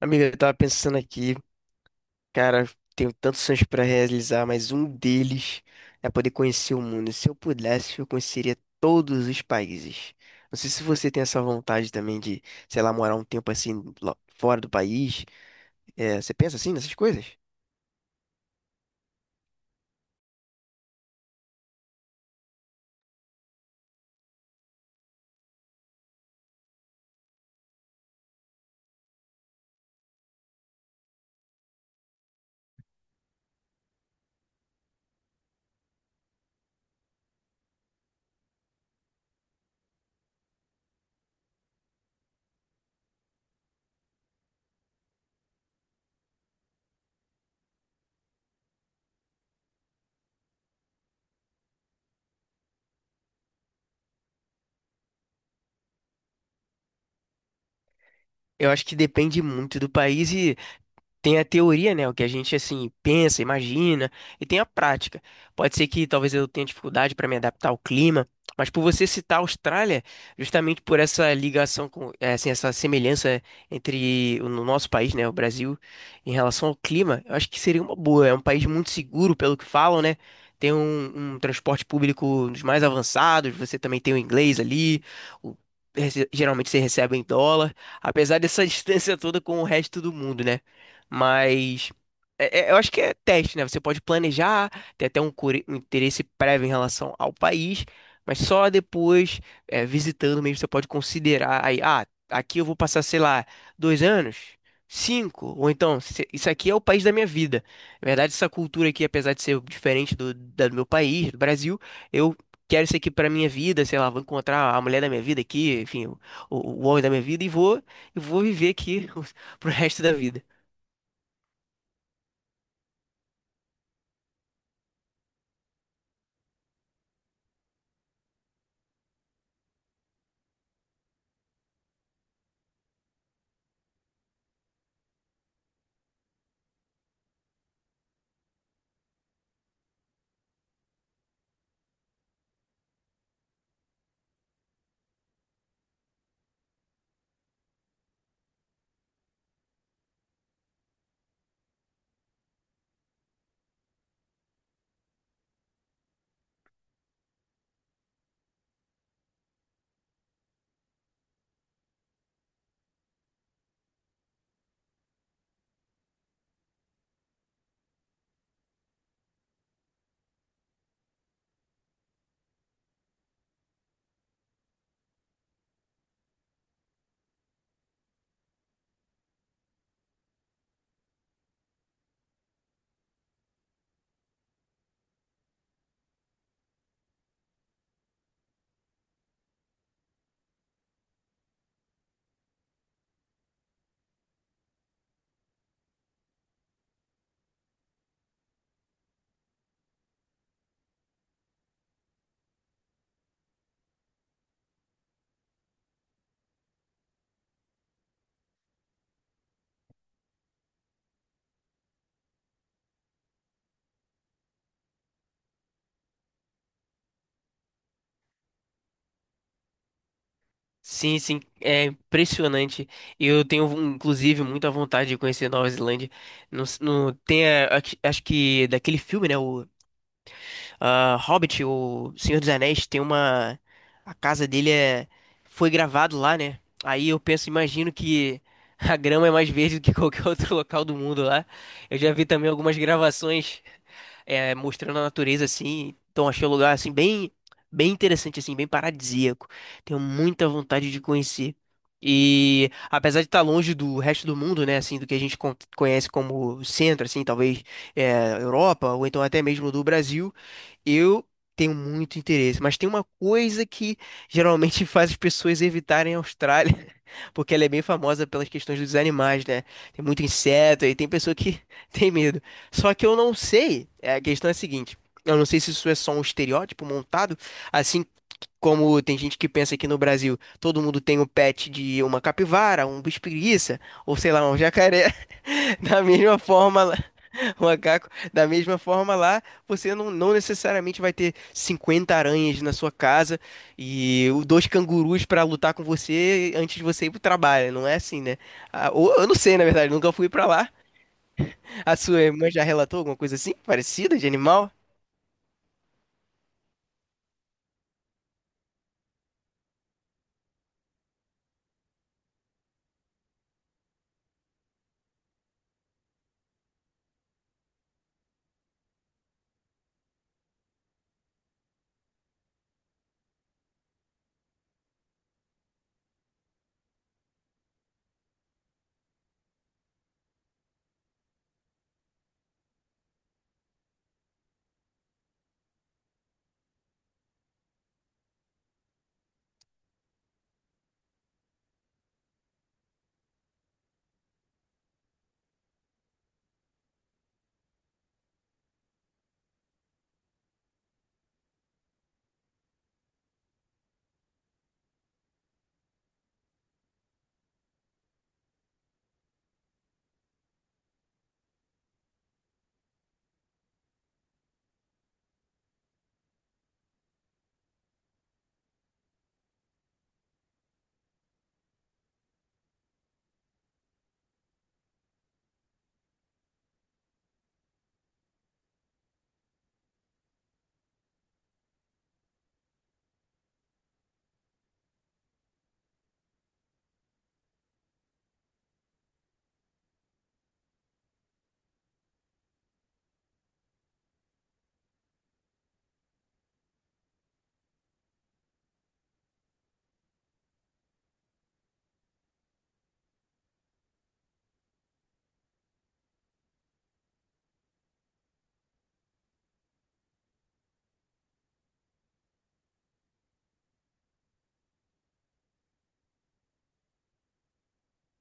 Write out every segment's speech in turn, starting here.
Amiga, eu tava pensando aqui, cara, tenho tantos sonhos pra realizar, mas um deles é poder conhecer o mundo. Se eu pudesse, eu conheceria todos os países. Não sei se você tem essa vontade também de, sei lá, morar um tempo assim lá fora do país. É, você pensa assim nessas coisas? Eu acho que depende muito do país. Tem a teoria, né? O que a gente assim pensa, imagina, e tem a prática. Pode ser que talvez eu tenha dificuldade para me adaptar ao clima, mas por você citar a Austrália, justamente por essa ligação com, assim, essa semelhança entre o no nosso país, né, o Brasil, em relação ao clima, eu acho que seria uma boa. É um país muito seguro, pelo que falam, né? Tem um transporte público dos mais avançados, você também tem o inglês ali, o- geralmente você recebe em dólar, apesar dessa distância toda com o resto do mundo, né? Mas eu acho que é teste, né? Você pode planejar, ter até um interesse prévio em relação ao país, mas só depois, visitando mesmo, você pode considerar aí, ah, aqui eu vou passar, sei lá, dois anos, cinco, ou então, isso aqui é o país da minha vida. Na verdade, essa cultura aqui, apesar de ser diferente do meu país, do Brasil, eu quero isso aqui pra minha vida, sei lá, vou encontrar a mulher da minha vida aqui, enfim, o homem da minha vida e vou viver aqui pro resto da vida. Sim, sim, é impressionante. Eu tenho, inclusive, muita vontade de conhecer Nova Zelândia. No s- Tem, acho que daquele filme, né? Hobbit, o Senhor dos Anéis, tem uma. A casa dele é, foi gravado lá, né? Aí eu penso, imagino que a grama é mais verde do que qualquer outro local do mundo lá. Eu já vi também algumas gravações mostrando a natureza assim. Então achei o lugar assim bem, bem interessante assim, bem paradisíaco. Tenho muita vontade de conhecer. E apesar de estar longe do resto do mundo, né, assim, do que a gente conhece como centro, assim, talvez Europa ou então até mesmo do Brasil, eu tenho muito interesse, mas tem uma coisa que geralmente faz as pessoas evitarem a Austrália, porque ela é bem famosa pelas questões dos animais, né? Tem muito inseto e tem pessoa que tem medo. Só que eu não sei, a questão é a seguinte, eu não sei se isso é só um estereótipo montado, assim como tem gente que pensa que no Brasil todo mundo tem um pet de uma capivara, um bicho-preguiça, ou sei lá, um jacaré, da mesma forma. O macaco, da mesma forma lá, você não necessariamente vai ter 50 aranhas na sua casa e dois cangurus pra lutar com você antes de você ir pro trabalho. Não é assim, né? Ah, eu não sei, na verdade, nunca fui pra lá. A sua irmã já relatou alguma coisa assim, parecida de animal?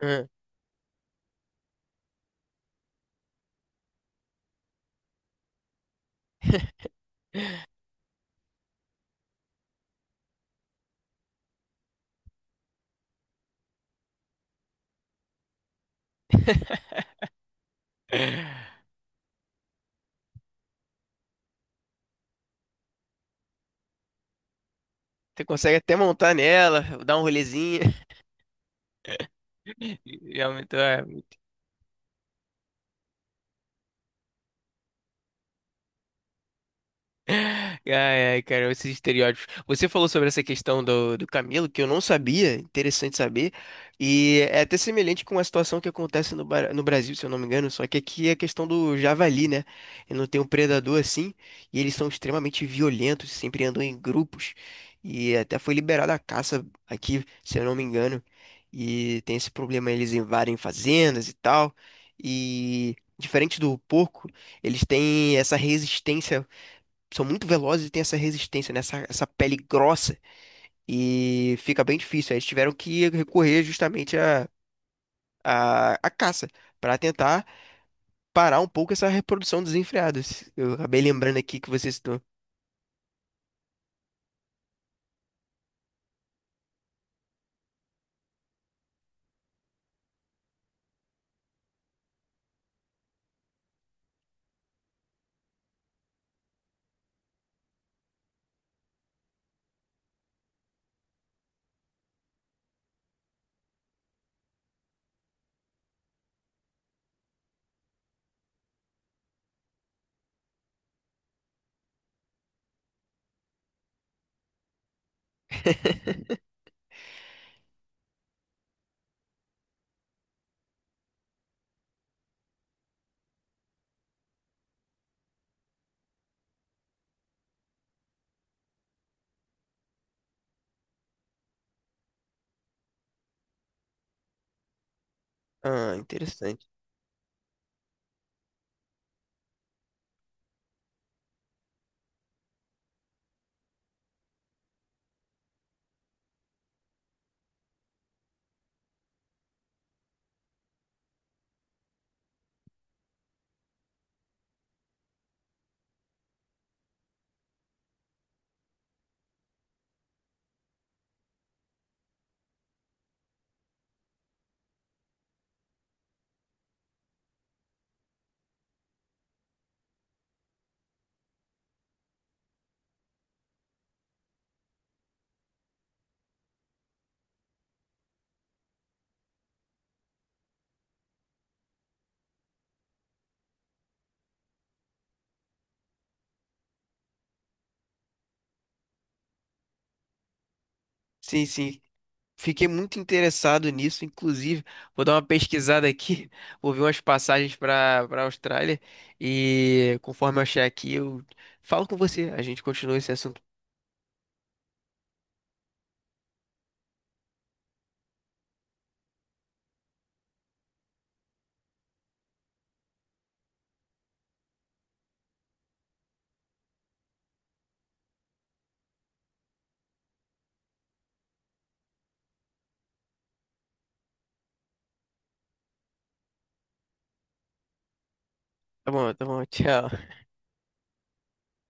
Hã. Você consegue até montar nela, dar um rolezinho. Realmente é. Ai, ai, cara, esses estereótipos. Você falou sobre essa questão do Camilo, que eu não sabia, interessante saber. E é até semelhante com a situação que acontece no Brasil, se eu não me engano, só que aqui é a questão do javali, né? E não tem um predador assim, e eles são extremamente violentos, sempre andam em grupos. E até foi liberada a caça aqui, se eu não me engano. E tem esse problema, eles invadem fazendas e tal. E diferente do porco, eles têm essa resistência, são muito velozes e têm essa resistência, né? Essa pele grossa e fica bem difícil. Aí eles tiveram que recorrer justamente à caça para tentar parar um pouco essa reprodução desenfreada. Eu acabei lembrando aqui que você citou. Ah, interessante. Sim, sim. Fiquei muito interessado nisso, inclusive, vou dar uma pesquisada aqui, vou ver umas passagens para a Austrália e conforme eu achar aqui, eu falo com você. A gente continua esse assunto. Tá bom, tchau.